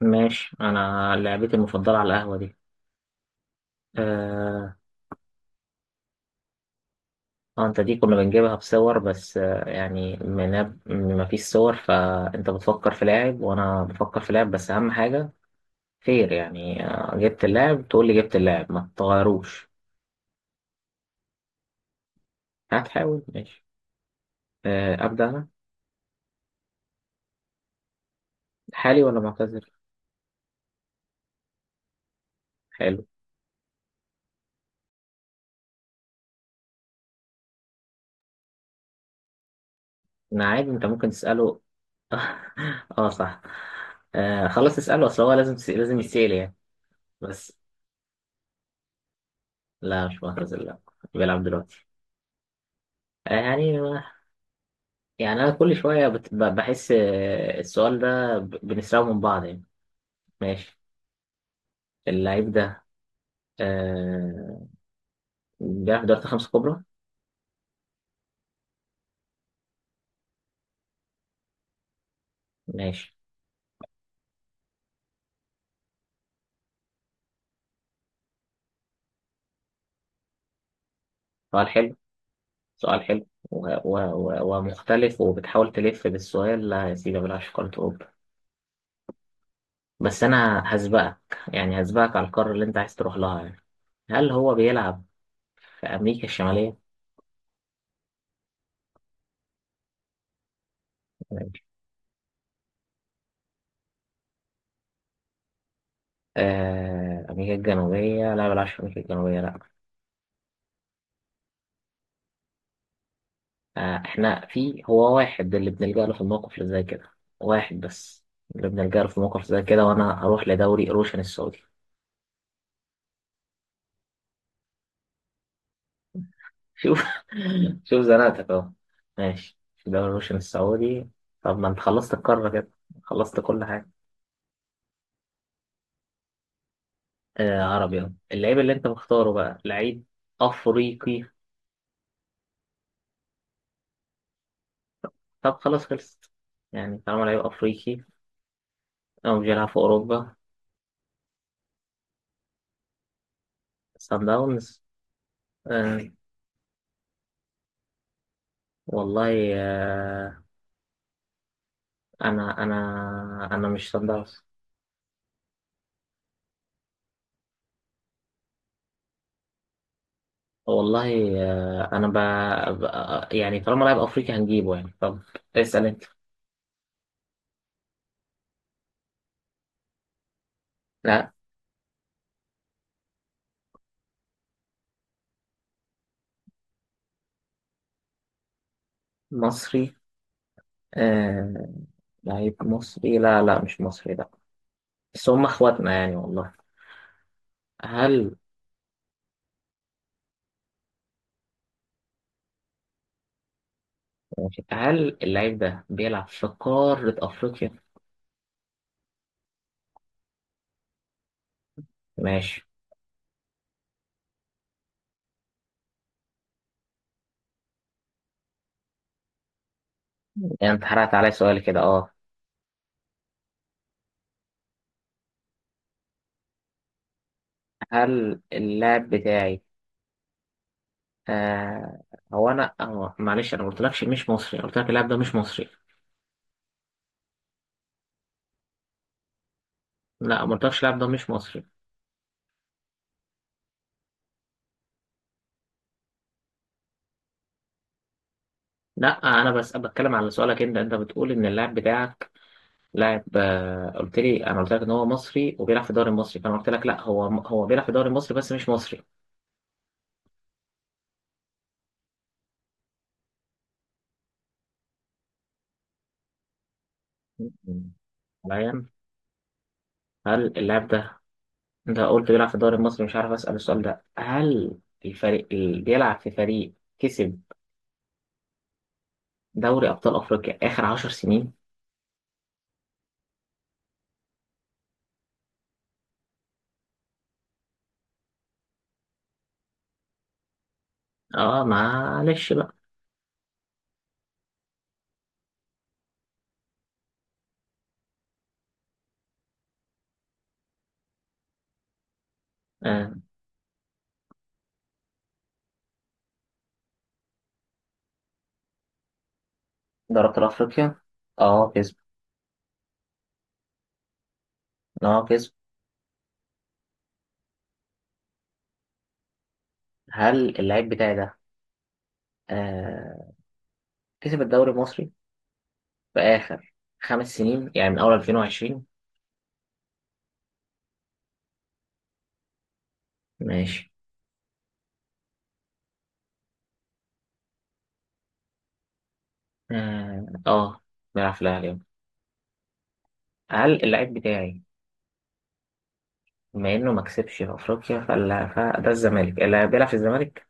ماشي، انا لعبتي المفضله على القهوه دي. آه... انت دي كنا بنجيبها بصور، بس يعني من ما فيش صور فانت بتفكر في لاعب وانا بفكر في لاعب، بس اهم حاجه. خير يعني، جبت اللاعب تقول لي جبت اللاعب ما تغيروش. هتحاول ماشي. ابدا انا. حالي ولا معتذر؟ حلو. انا عادي، انت ممكن تساله. اه صح. خلاص اساله، اصل هو لازم يتسال يعني. بس لا، مش معتذر لا. بيلعب دلوقتي. يعني، يعني أنا كل شوية بحس السؤال ده بنسرقه من بعض يعني. ماشي، اللعيب ده، آه، بيلعب في دوري 5 كبرى. ماشي. سؤال حلو. سؤال حلو. و- و- و- ومختلف، وبتحاول تلف بالسؤال. لا يا سيدي، ما بيلعبش في قارة أوروبا. بس أنا هسبقك، يعني هسبقك على القارة اللي أنت عايز تروح لها يعني. هل هو بيلعب في أمريكا الشمالية؟ أمريكا الجنوبية لا، ما بيلعبش في أمريكا الجنوبية لا. فاحنا في هو واحد اللي بنلجأ له في الموقف اللي زي كده، واحد بس اللي بنلجأ له في الموقف زي كده، وانا هروح لدوري روشن السعودي. شوف. شوف زنقتك اهو. ماشي، في دوري روشن السعودي. طب ما انت خلصت القارة كده. خلصت كل حاجة. آه عربي أهو. اللعيب اللي انت مختاره بقى لعيب افريقي. طب خلاص خلصت، يعني طالما لعيب افريقي او مش بيلعب في اوروبا. سان داونز. آه، والله آه. انا انا مش سان داونز. والله. آه، انا ب... ب... يعني طالما لاعب افريقي هنجيبه يعني. طب اسال انت. لا، مصري آه... لعيب مصري؟ لا لا، مش مصري لا. بس هم اخواتنا يعني والله. هل هل اللعيب ده بيلعب في قارة افريقيا؟ ماشي. يعني انت حرقت عليا سؤال كده اه. هل اللاعب بتاعي آه... معلش، انا ما قلتلكش مش مصري، أنا قلت لك اللاعب ده مش مصري. لا ما قلتلكش اللاعب ده مش مصري. لا انا بس بتكلم على سؤالك انت، انت بتقول ان اللاعب بتاعك لاعب، قلت لي، انا قلت لك ان هو مصري وبيلعب في الدوري المصري، فانا قلت لك لا، هو بيلعب في الدوري المصري بس مش مصري. مم. حاليا، هل اللاعب ده، انت قلت بيلعب في الدوري المصري، مش عارف اسال السؤال ده، هل الفريق اللي بيلعب في فريق كسب دوري ابطال افريقيا اخر 10 سنين؟ اه معلش بقى. آه، دوري ابطال افريقيا اه، كسب؟ اه كسب. هل اللاعب بتاعي ده آه كسب الدوري المصري في آخر 5 سنين، يعني من أول 2020؟ ماشي. آه آه، بيلعب في الأهلي أهو. هل اللاعب بتاعي، بما إنه ما كسبش في أفريقيا فلا، فده الزمالك، اللي بيلعب في الزمالك.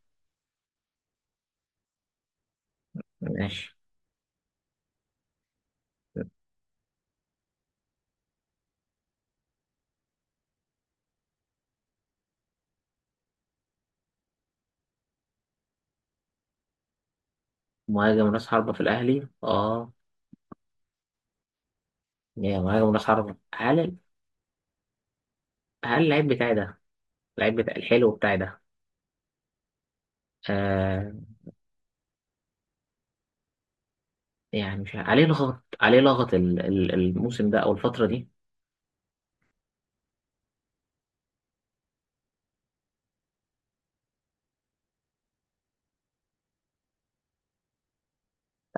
ماشي. مهاجم راس حربة في الأهلي آه، يا مهاجم راس حربة، هل؟ هل اللاعب بتاعي ده، اللاعب بتاع الحلو بتاعي ده، آه يعني مش عارف- عليه لغط، عليه لغط الموسم ده أو الفترة دي.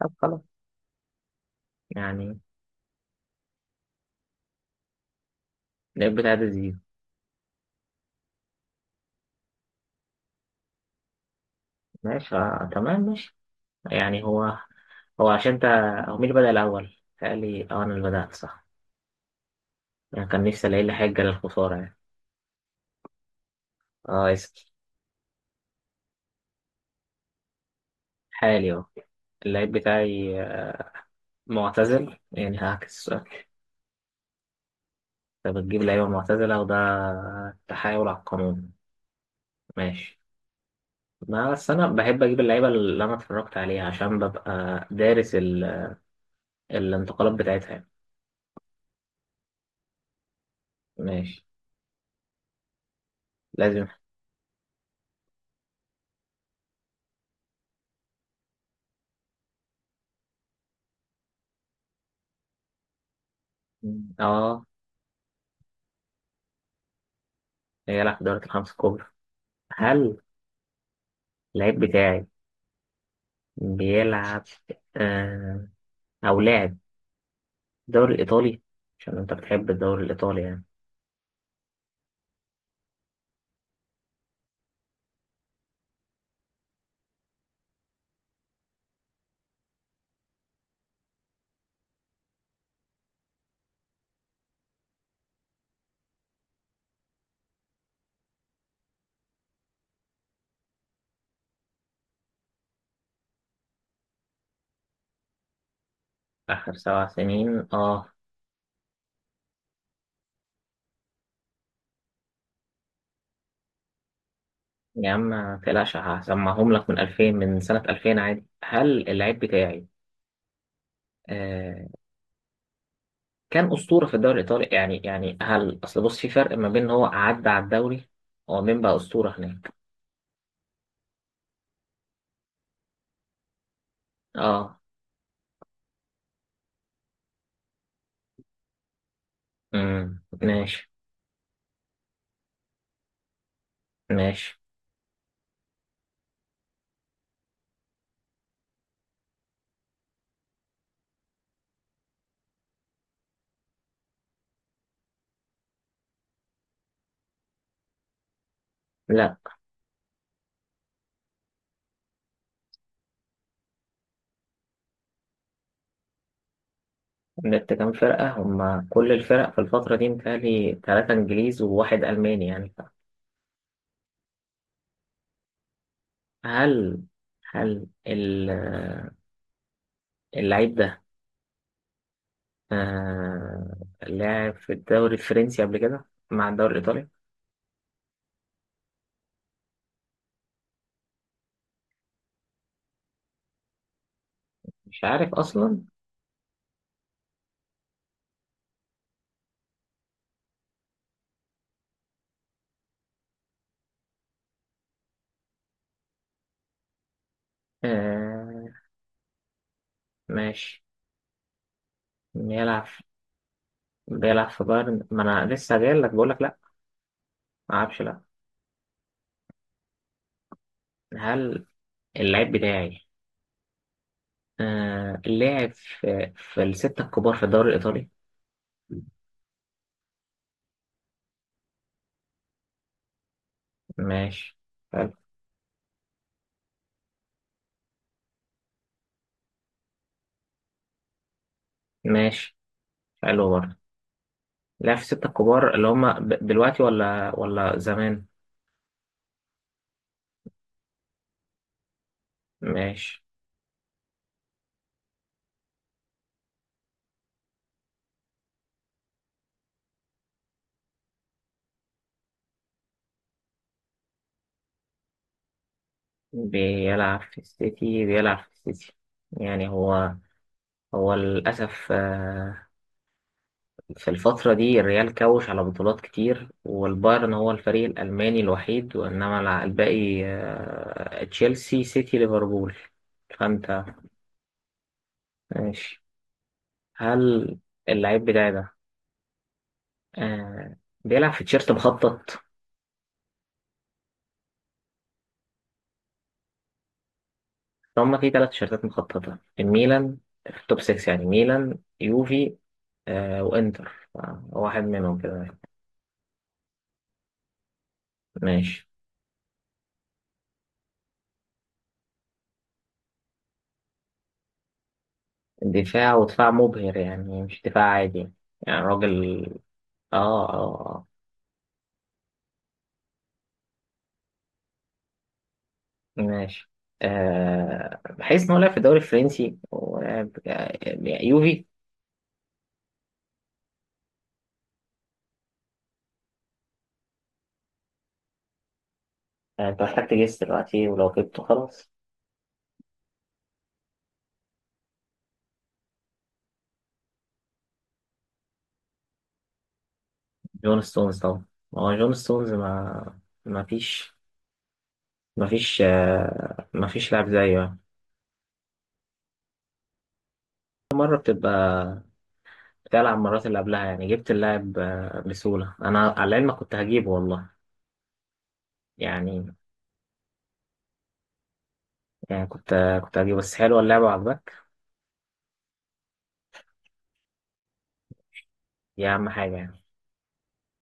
طب خلاص يعني. اللاعب بتاعي ده زيزو. ماشي آه تمام ماشي. يعني هو، هو عشان انت، هو مين اللي بدأ الأول؟ قال لي اه، أنا اللي بدأت صح. يعني كان نفسي ألاقي لي حاجة للخسارة يعني. اه اسأل. حالي اهو. اللعيب بتاعي معتزل، يعني هعكس السؤال. انت بتجيب لعيبة معتزلة، وده تحايل على القانون. ماشي. ما بس أنا بحب أجيب اللعيبة اللي أنا اتفرجت عليها عشان ببقى دارس الانتقالات بتاعتها يعني. ماشي. لازم. اه، يلعب في دوري ال5 الكبرى. هل اللعيب بتاعي بيلعب آه، أو لعب الدوري الإيطالي، عشان أنت بتحب الدوري الإيطالي يعني. آخر 7 سنين آه. يا عم ما تقلقش، هسمعهم لك من 2000، من سنة 2000 عادي. هل اللعيب بتاعي آه كان أسطورة في الدوري الإيطالي يعني، يعني هل، أصل بص في فرق ما بين إن هو عدى على الدوري ومين بقى أسطورة هناك. آه امم، ماشي. ماشي. لا، جبت كام فرقة، هما كل الفرق في الفترة دي متهيألي تلاتة إنجليز وواحد ألماني يعني. هل هل اللعيب ده آه لعب في الدوري الفرنسي قبل كده مع الدوري الإيطالي؟ مش عارف أصلا. آه ماشي. بيلعب، بيلعب في بايرن؟ ما أنا لسه جاي لك بقول لك لأ، ما أعرفش لأ. هل اللعيب بتاعي لعب في, في الستة الكبار في الدوري الإيطالي؟ ماشي. حلو. ماشي. حلو برضه. لعب في ال6 الكبار اللي هما دلوقتي ولا زمان؟ ماشي. بيلعب في السيتي، بيلعب في السيتي. يعني هو، هو للأسف في الفترة دي الريال كوش على بطولات كتير، والبايرن هو الفريق الألماني الوحيد، وإنما الباقي تشيلسي، سيتي، ليفربول. فأنت، ماشي. هل اللعيب بتاعي ده آه، بيلعب في تيشيرت مخطط؟ هما في تلات تيشيرتات مخططة، الميلان في التوب 6، يعني ميلان، يوفي وإنتر واحد منهم كده. ماشي. دفاع، ودفاع مبهر يعني، مش دفاع عادي يعني. يعني راجل. اه اه اه. ماشي. آه، بحيث ان هو لعب في الدوري الفرنسي ولعب يوفي. انت محتاج تجس دلوقتي، ولو جبته خلاص. جون ستونز طبعا. ما هو جون ستونز، ما، ما فيش، ما فيش ما فيش لاعب زيه يعني. مرة بتبقى، بتلعب مرات اللي قبلها يعني. جبت اللاعب بسهولة، أنا على العلم كنت هجيبه والله يعني. يعني كنت هجيبه، بس حلوة اللعبة عجبك. دي أهم حاجة يعني.